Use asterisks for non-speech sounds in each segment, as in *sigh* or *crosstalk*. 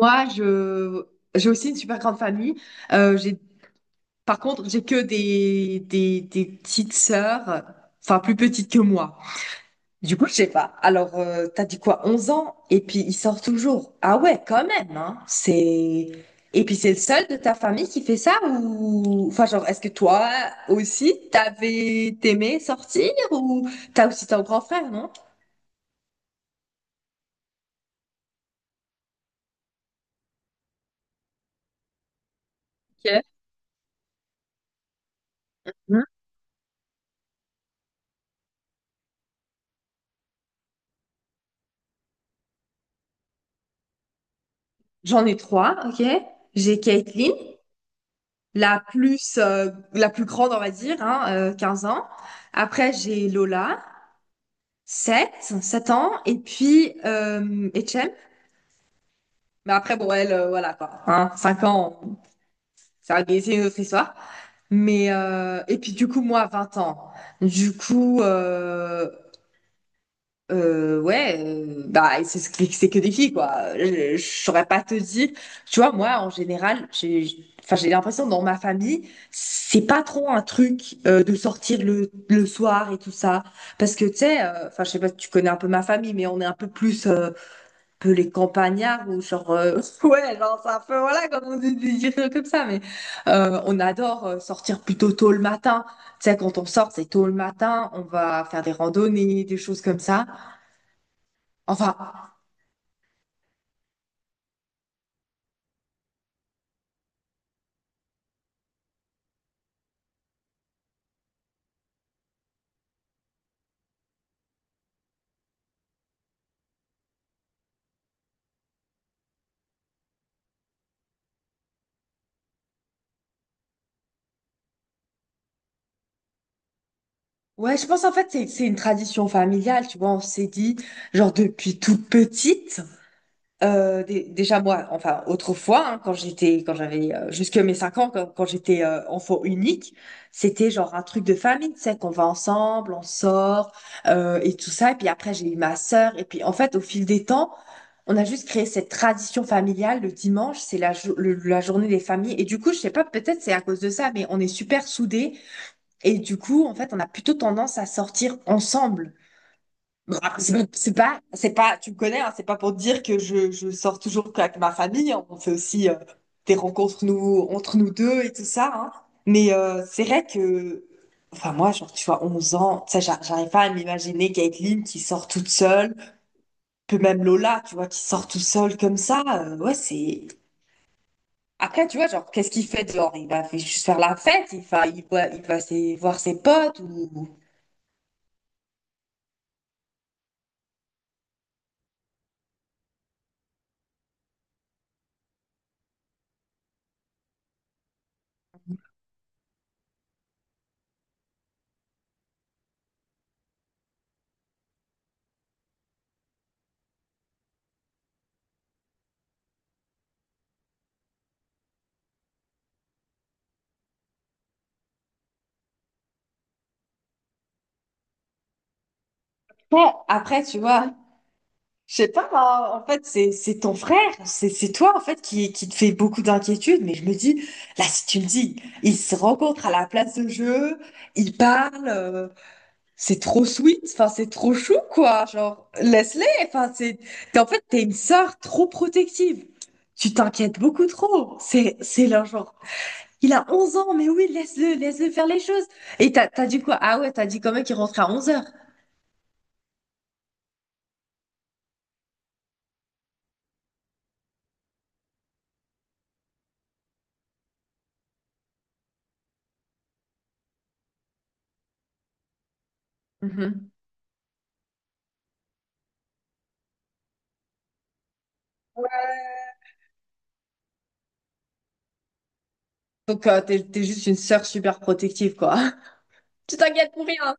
Moi, j'ai aussi une super grande famille. Euh, j'ai, par contre, j'ai que des petites sœurs, enfin plus petites que moi. Du coup, je sais pas. Alors, t'as dit quoi, 11 ans? Et puis, il sort toujours. Ah ouais, quand même, hein. C'est... Et puis, c'est le seul de ta famille qui fait ça ou... Enfin, genre, est-ce que toi aussi, t'aimais sortir ou t'as aussi ton grand frère, non? Ok. Hmm. J'en ai trois, ok? J'ai Caitlin, la plus grande, on va dire, hein, 15 ans. Après, j'ai Lola, sept ans. Et puis, Etienne. Mais après, bon, elle, voilà, quoi. Hein, 5 ans, ça, c'est une autre histoire. Mais, et puis, du coup, moi, 20 ans. Du coup, ouais, bah c'est que des filles, quoi. Je saurais pas te dire. Tu vois, moi en général, enfin j'ai l'impression que dans ma famille, c'est pas trop un truc de sortir le soir et tout ça, parce que tu sais, enfin je sais pas si tu connais un peu ma famille, mais on est un peu plus un peu les campagnards, ou genre *laughs* ouais, genre c'est un peu voilà, comme on dit dire comme ça, mais on adore sortir plutôt tôt le matin. Tu sais, quand on sort, c'est tôt le matin, on va faire des randonnées, des choses comme ça. Enfin, ouais, je pense en fait c'est une tradition familiale, tu vois. On s'est dit, genre, depuis toute petite. Déjà moi, enfin autrefois, hein, quand j'avais jusque mes 5 ans, quand j'étais enfant unique, c'était genre un truc de famille, tu sais, qu'on va ensemble, on sort et tout ça. Et puis après, j'ai eu ma sœur. Et puis en fait, au fil des temps, on a juste créé cette tradition familiale. Le dimanche, c'est la journée des familles. Et du coup, je sais pas, peut-être c'est à cause de ça, mais on est super soudés. Et du coup, en fait, on a plutôt tendance à sortir ensemble. Bon, après, C'est pas, c'est pas, c'est pas, tu me connais, hein, c'est pas pour dire que je sors toujours qu'avec ma famille, hein. On fait aussi des rencontres nous, entre nous deux et tout ça, hein. Mais c'est vrai que, enfin, moi, genre, tu vois, 11 ans, tu sais, j'arrive pas à m'imaginer Caitlin qui sort toute seule, que même Lola, tu vois, qui sort toute seule comme ça. Ouais, c'est. Après, tu vois, genre, qu'est-ce qu'il fait dehors? Juste faire la fête, il va voir ses potes, ou. Ouais, après, tu vois, je sais pas, hein, en fait, c'est ton frère, c'est toi, en fait, qui te fait beaucoup d'inquiétudes, mais je me dis, là, si tu le dis, ils se rencontrent à la place de jeu, ils parlent, c'est trop sweet, enfin, c'est trop chou, quoi, genre, laisse-les, enfin, en fait, t'es une sœur trop protective, tu t'inquiètes beaucoup trop, c'est là, genre, il a 11 ans, mais oui, laisse-le, laisse-le faire les choses. Et t'as dit quoi? Ah ouais, t'as dit quand même qu'il rentrait à 11 heures. Mhm. Donc, t'es juste une sœur super protective, quoi. *laughs* Tu t'inquiètes pour rien.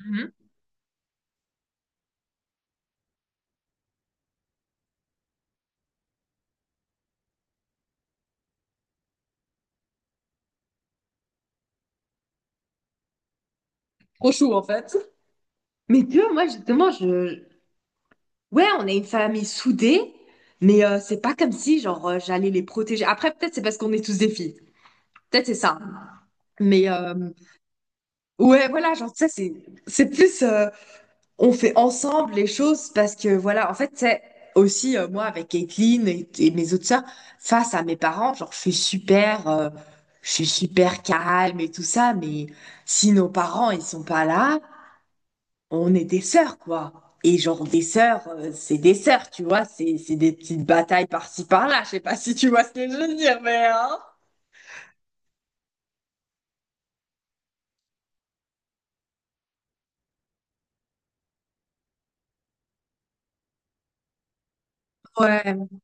Mhm. Trop chou, en fait. Mais tu vois, moi, justement, je... Ouais, on est une famille soudée, mais c'est pas comme si, genre, j'allais les protéger. Après, peut-être c'est parce qu'on est tous des filles. Peut-être c'est ça. Mais ouais, voilà, genre, ça, c'est plus. On fait ensemble les choses parce que voilà, en fait, c'est aussi moi avec Caitlin et mes autres sœurs, face à mes parents, genre je suis super, calme et tout ça, mais si nos parents ils sont pas là, on est des sœurs, quoi. Et genre des sœurs, c'est des sœurs, tu vois, c'est des petites batailles par-ci par-là. Je sais pas si tu vois ce que je veux dire, mais, hein.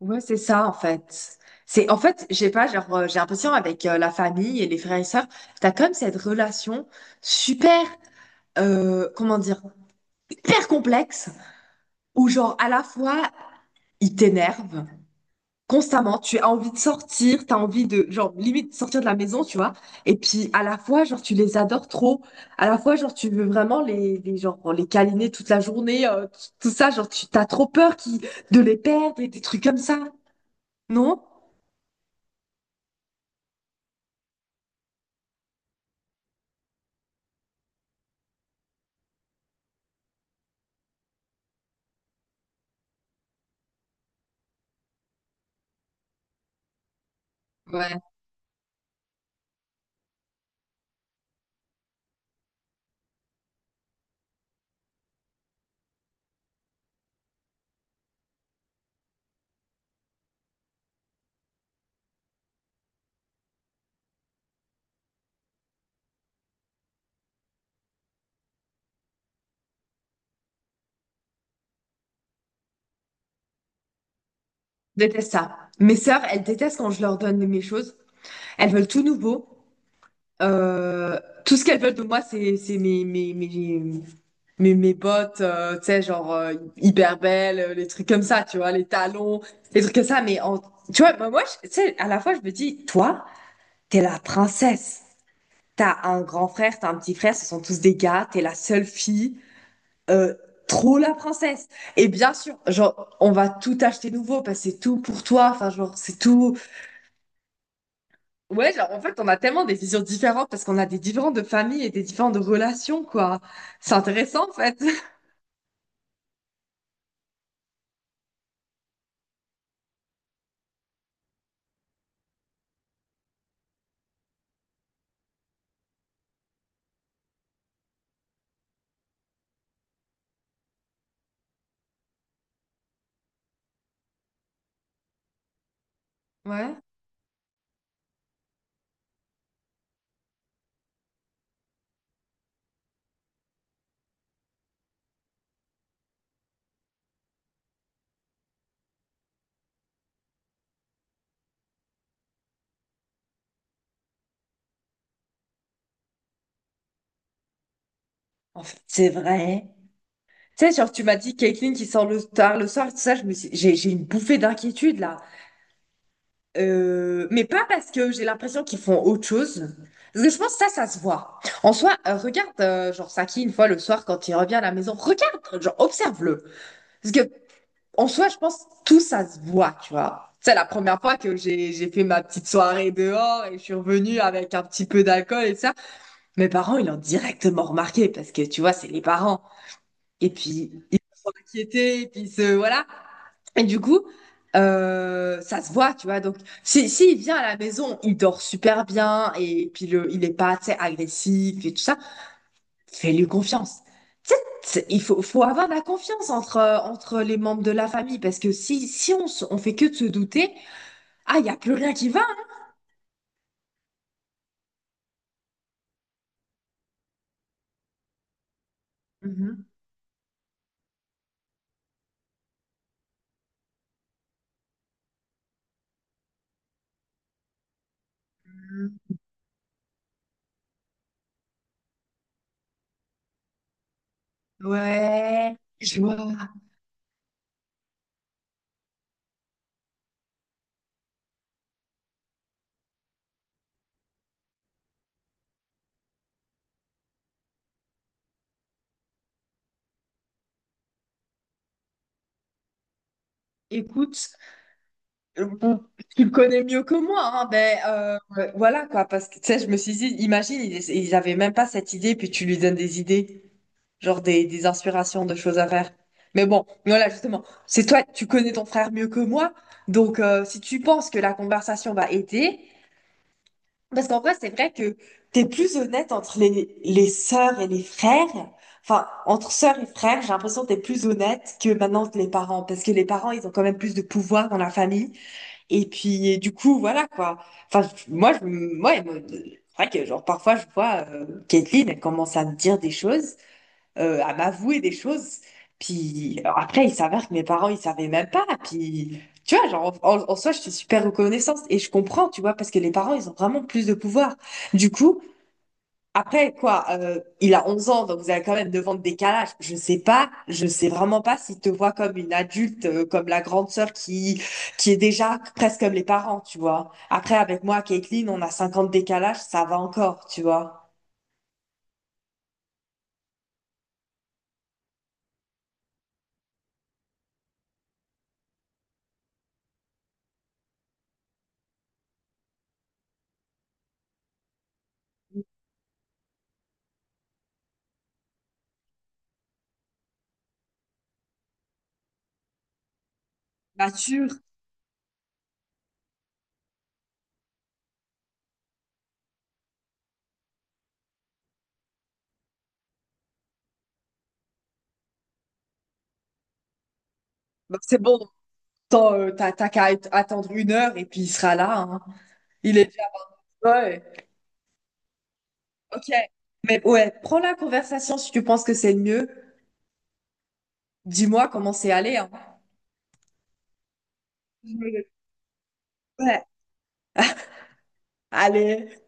Ouais, c'est ça en fait. C'est en fait, j'ai pas, genre, j'ai l'impression avec la famille et les frères et sœurs, t'as comme cette relation super, comment dire, hyper complexe, où genre à la fois ils t'énervent constamment, tu as envie de sortir, t'as envie de genre limite sortir de la maison, tu vois. Et puis à la fois genre tu les adores trop, à la fois genre tu veux vraiment les câliner toute la journée, tout ça, genre tu t'as trop peur qui de les perdre et des trucs comme ça, non? Déteste ça. Mes sœurs, elles détestent quand je leur donne mes choses. Elles veulent tout nouveau. Euh, Tout ce qu'elles veulent de moi, c'est mes bottes, tu sais, genre, hyper belles, les trucs comme ça, tu vois, les talons, les trucs comme ça. Mais tu vois, bah, moi, tu sais, à la fois, je me dis, toi, t'es la princesse. T'as un grand frère, t'as un petit frère, ce sont tous des gars, t'es la seule fille. Euh, Trop la princesse. Et bien sûr, genre, on va tout acheter nouveau parce que c'est tout pour toi. Enfin, genre, c'est tout. Ouais, genre, en fait, on a tellement des visions différentes parce qu'on a des différentes de familles et des différentes de relations, quoi. C'est intéressant, en fait. *laughs* Ouais. En fait, c'est vrai. Tu sais, genre, tu m'as dit Caitlyn qui sort le tard le soir, tout ça, je me suis... j'ai une bouffée d'inquiétude, là. Mais pas parce que j'ai l'impression qu'ils font autre chose. Parce que je pense que ça se voit. En soi, regarde, genre, Saki, une fois le soir, quand il revient à la maison, regarde, genre, observe-le. Parce que en soi, je pense tout ça se voit, tu vois. C'est la première fois que j'ai fait ma petite soirée dehors et je suis revenue avec un petit peu d'alcool et ça. Mes parents, ils l'ont directement remarqué parce que tu vois, c'est les parents. Et puis ils s'inquiétaient, et puis se voilà. Et du coup, ça se voit, tu vois. Donc, si s'il vient à la maison, il dort super bien et puis il est pas, tu sais, agressif et tout ça. Fais-lui confiance. Tu sais, il faut, avoir de la confiance entre, entre les membres de la famille parce que si on fait que de se douter, ah, il n'y a plus rien qui va, hein. Mhm. Mhm. Ouais, je vois. Écoute, bon, tu le connais mieux que moi, hein, voilà, quoi, parce que tu sais, je me suis dit, imagine, ils avaient même pas cette idée, puis tu lui donnes des idées, genre des inspirations de choses à faire. Mais bon, voilà, justement, c'est toi, tu connais ton frère mieux que moi, donc si tu penses que la conversation va aider, parce qu'en vrai, c'est vrai que t'es plus honnête entre les sœurs et les frères, enfin, entre sœurs et frères, j'ai l'impression que t'es plus honnête que maintenant que les parents, parce que les parents, ils ont quand même plus de pouvoir dans la famille, et puis, et du coup, voilà, quoi. Enfin, moi, ouais, moi, c'est vrai que, genre, parfois, je vois Caitlyn, elle commence à me dire des choses, à m'avouer des choses. Puis alors après, il s'avère que mes parents, ils savaient même pas. Puis tu vois, genre, en soi, je suis super reconnaissante et je comprends, tu vois, parce que les parents, ils ont vraiment plus de pouvoir. Du coup, après, quoi, il a 11 ans, donc vous avez quand même devant le décalage. Je sais pas, je sais vraiment pas s'il te voit comme une adulte, comme la grande sœur qui est déjà presque comme les parents, tu vois. Après, avec moi, Caitlin, on a 50 décalage, ça va encore, tu vois. Bien sûr. Bah, c'est bon. T'as qu'à attendre 1 heure et puis il sera là, hein. Il est déjà là. Ok. Mais ouais, prends la conversation si tu penses que c'est le mieux. Dis-moi comment c'est allé, hein. Je me- Ouais. Allez.